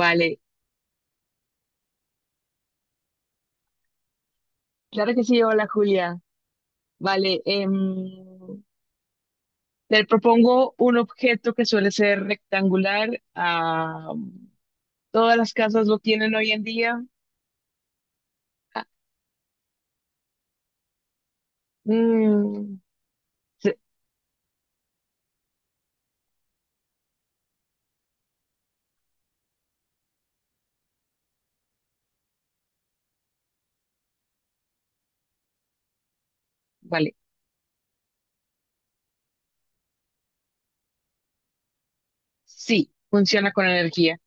Vale, claro que sí, hola Julia. Vale, le propongo un objeto que suele ser rectangular. Ah, todas las casas lo tienen hoy en día. Ah, mm, se- vale, sí, funciona con energía.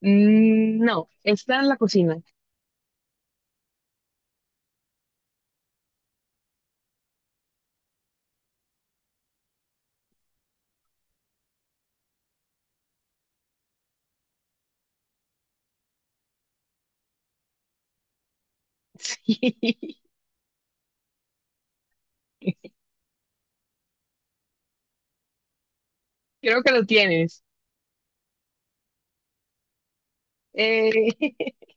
Mm, no, está en la cocina. Sí, creo que lo tienes. Eh,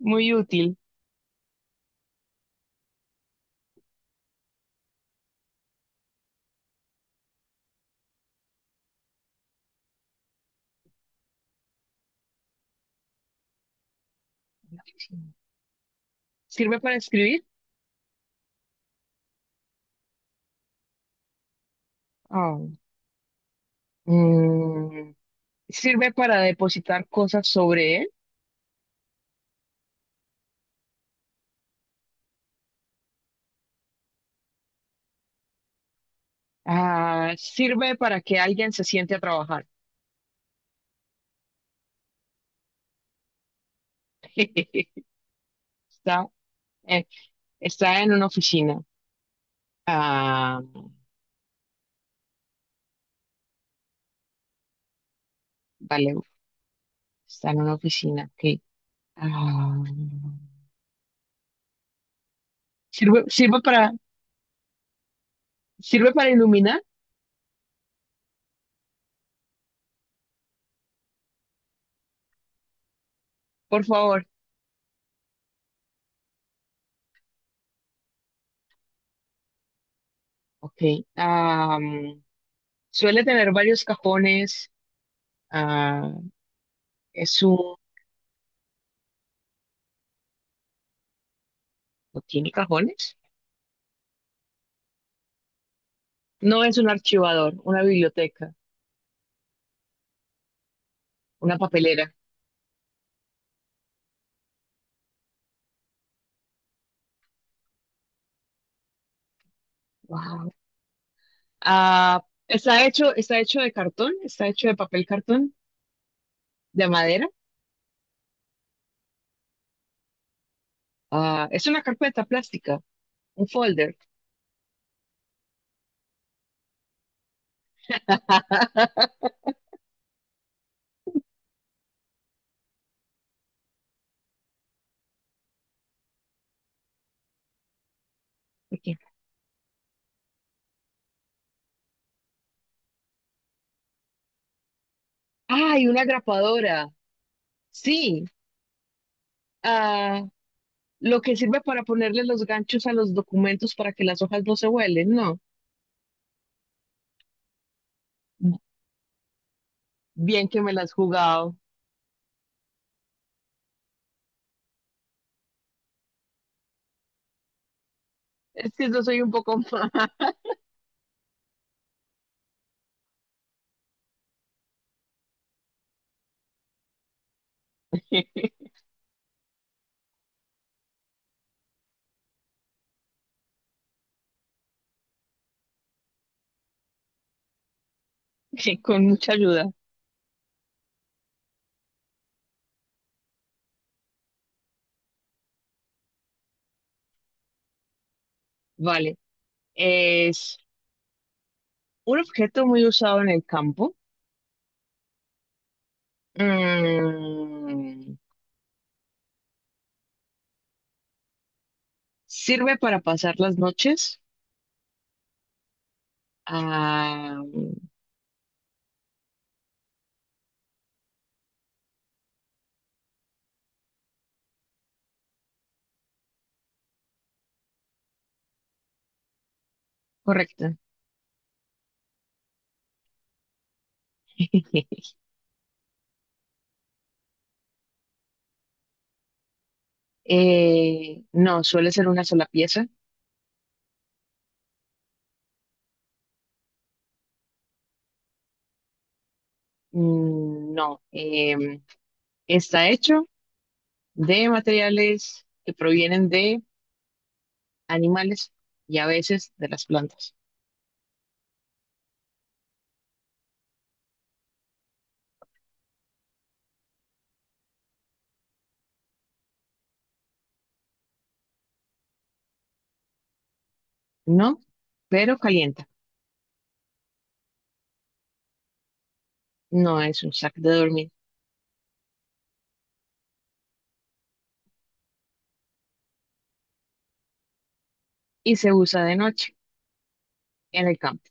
muy útil. ¿Sirve para escribir? Ah, mm, ¿Sirve para depositar cosas sobre él? Ah, sirve para que alguien se siente a trabajar. Está, eh, está en una oficina. Ah, vale, está en una oficina. Ok. Ah, sirve, sirve para, sirve para iluminar, por favor. Ok. Ah, suele tener varios cajones. Ah, es un, ¿No tiene cajones? No es un archivador, una biblioteca, una papelera. Ah, está hecho de papel cartón, de madera. Ah, es una carpeta plástica, un folder. ¿Por qué? ¡Ay, una grapadora! Sí, ah, lo que sirve para ponerle los ganchos a los documentos para que las hojas no se vuelen, ¿no? Bien que me las has jugado. Es que yo soy un poco más, con mucha ayuda. Vale, es un objeto muy usado en el campo. Mm, sirve para pasar las noches. Ah, correcto. No, suele ser una sola pieza. Mm, no, está hecho de materiales que provienen de animales y a veces de las plantas. No, pero calienta. No es un sac de dormir y se usa de noche en el campo.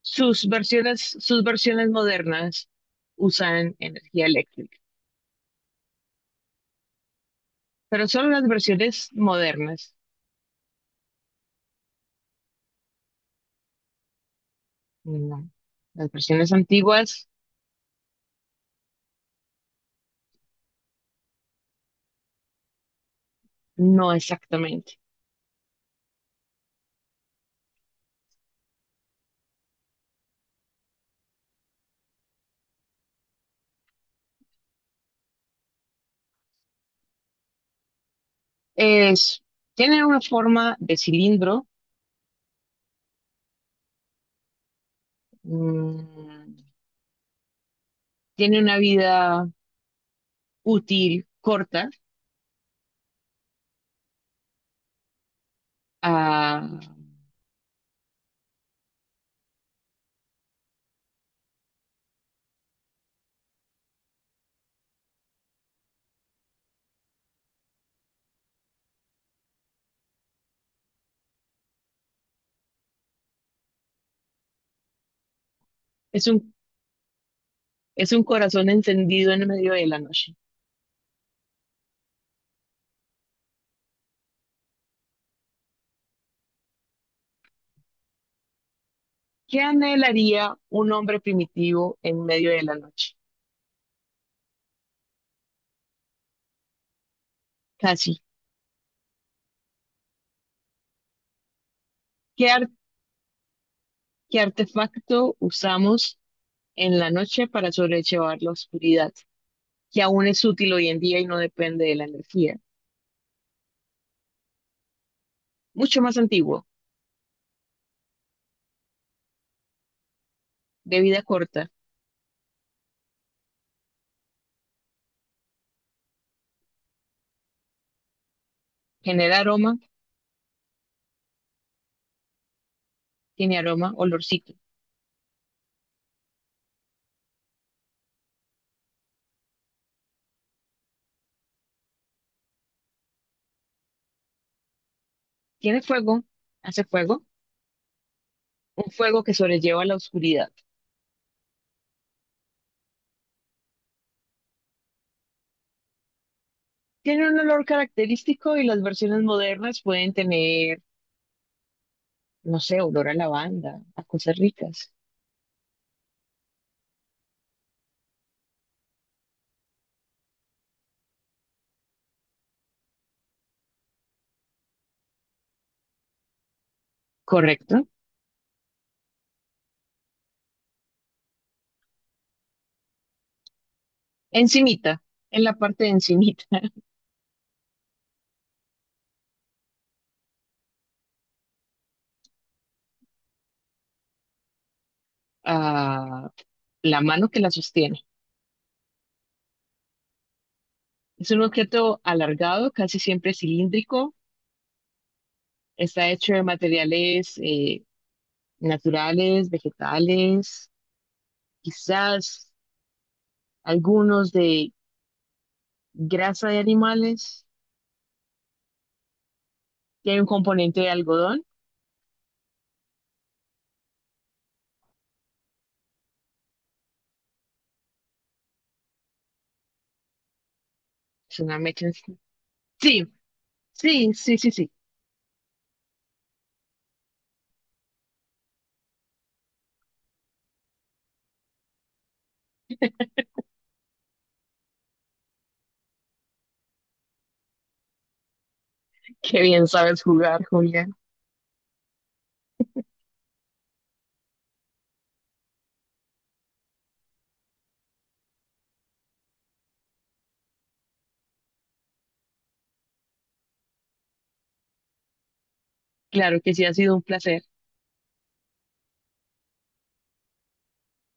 Sus versiones modernas usan energía eléctrica, pero solo las versiones modernas. No, las versiones antiguas, no exactamente. Es, tiene una forma de cilindro, mm, tiene una vida útil corta, ah, es un, es un corazón encendido en medio de la noche. ¿Qué anhelaría un hombre primitivo en medio de la noche? Casi. ¿Qué, ar- ¿qué artefacto usamos en la noche para sobrellevar la oscuridad, que aún es útil hoy en día y no depende de la energía? Mucho más antiguo, de vida corta, genera aroma, tiene aroma, olorcito. Tiene fuego, hace fuego, un fuego que sobrelleva la oscuridad. Tiene un olor característico y las versiones modernas pueden tener, no sé, olor a lavanda, a cosas ricas. ¿Correcto? Encimita, en la parte de encimita, a la mano que la sostiene. Es un objeto alargado, casi siempre cilíndrico. Está hecho de materiales naturales, vegetales, quizás algunos de grasa de animales, tiene un componente de algodón, es una mecha. Sí, sí, sí, sí, sí. Qué bien sabes jugar, Julián. Claro que sí, ha sido un placer.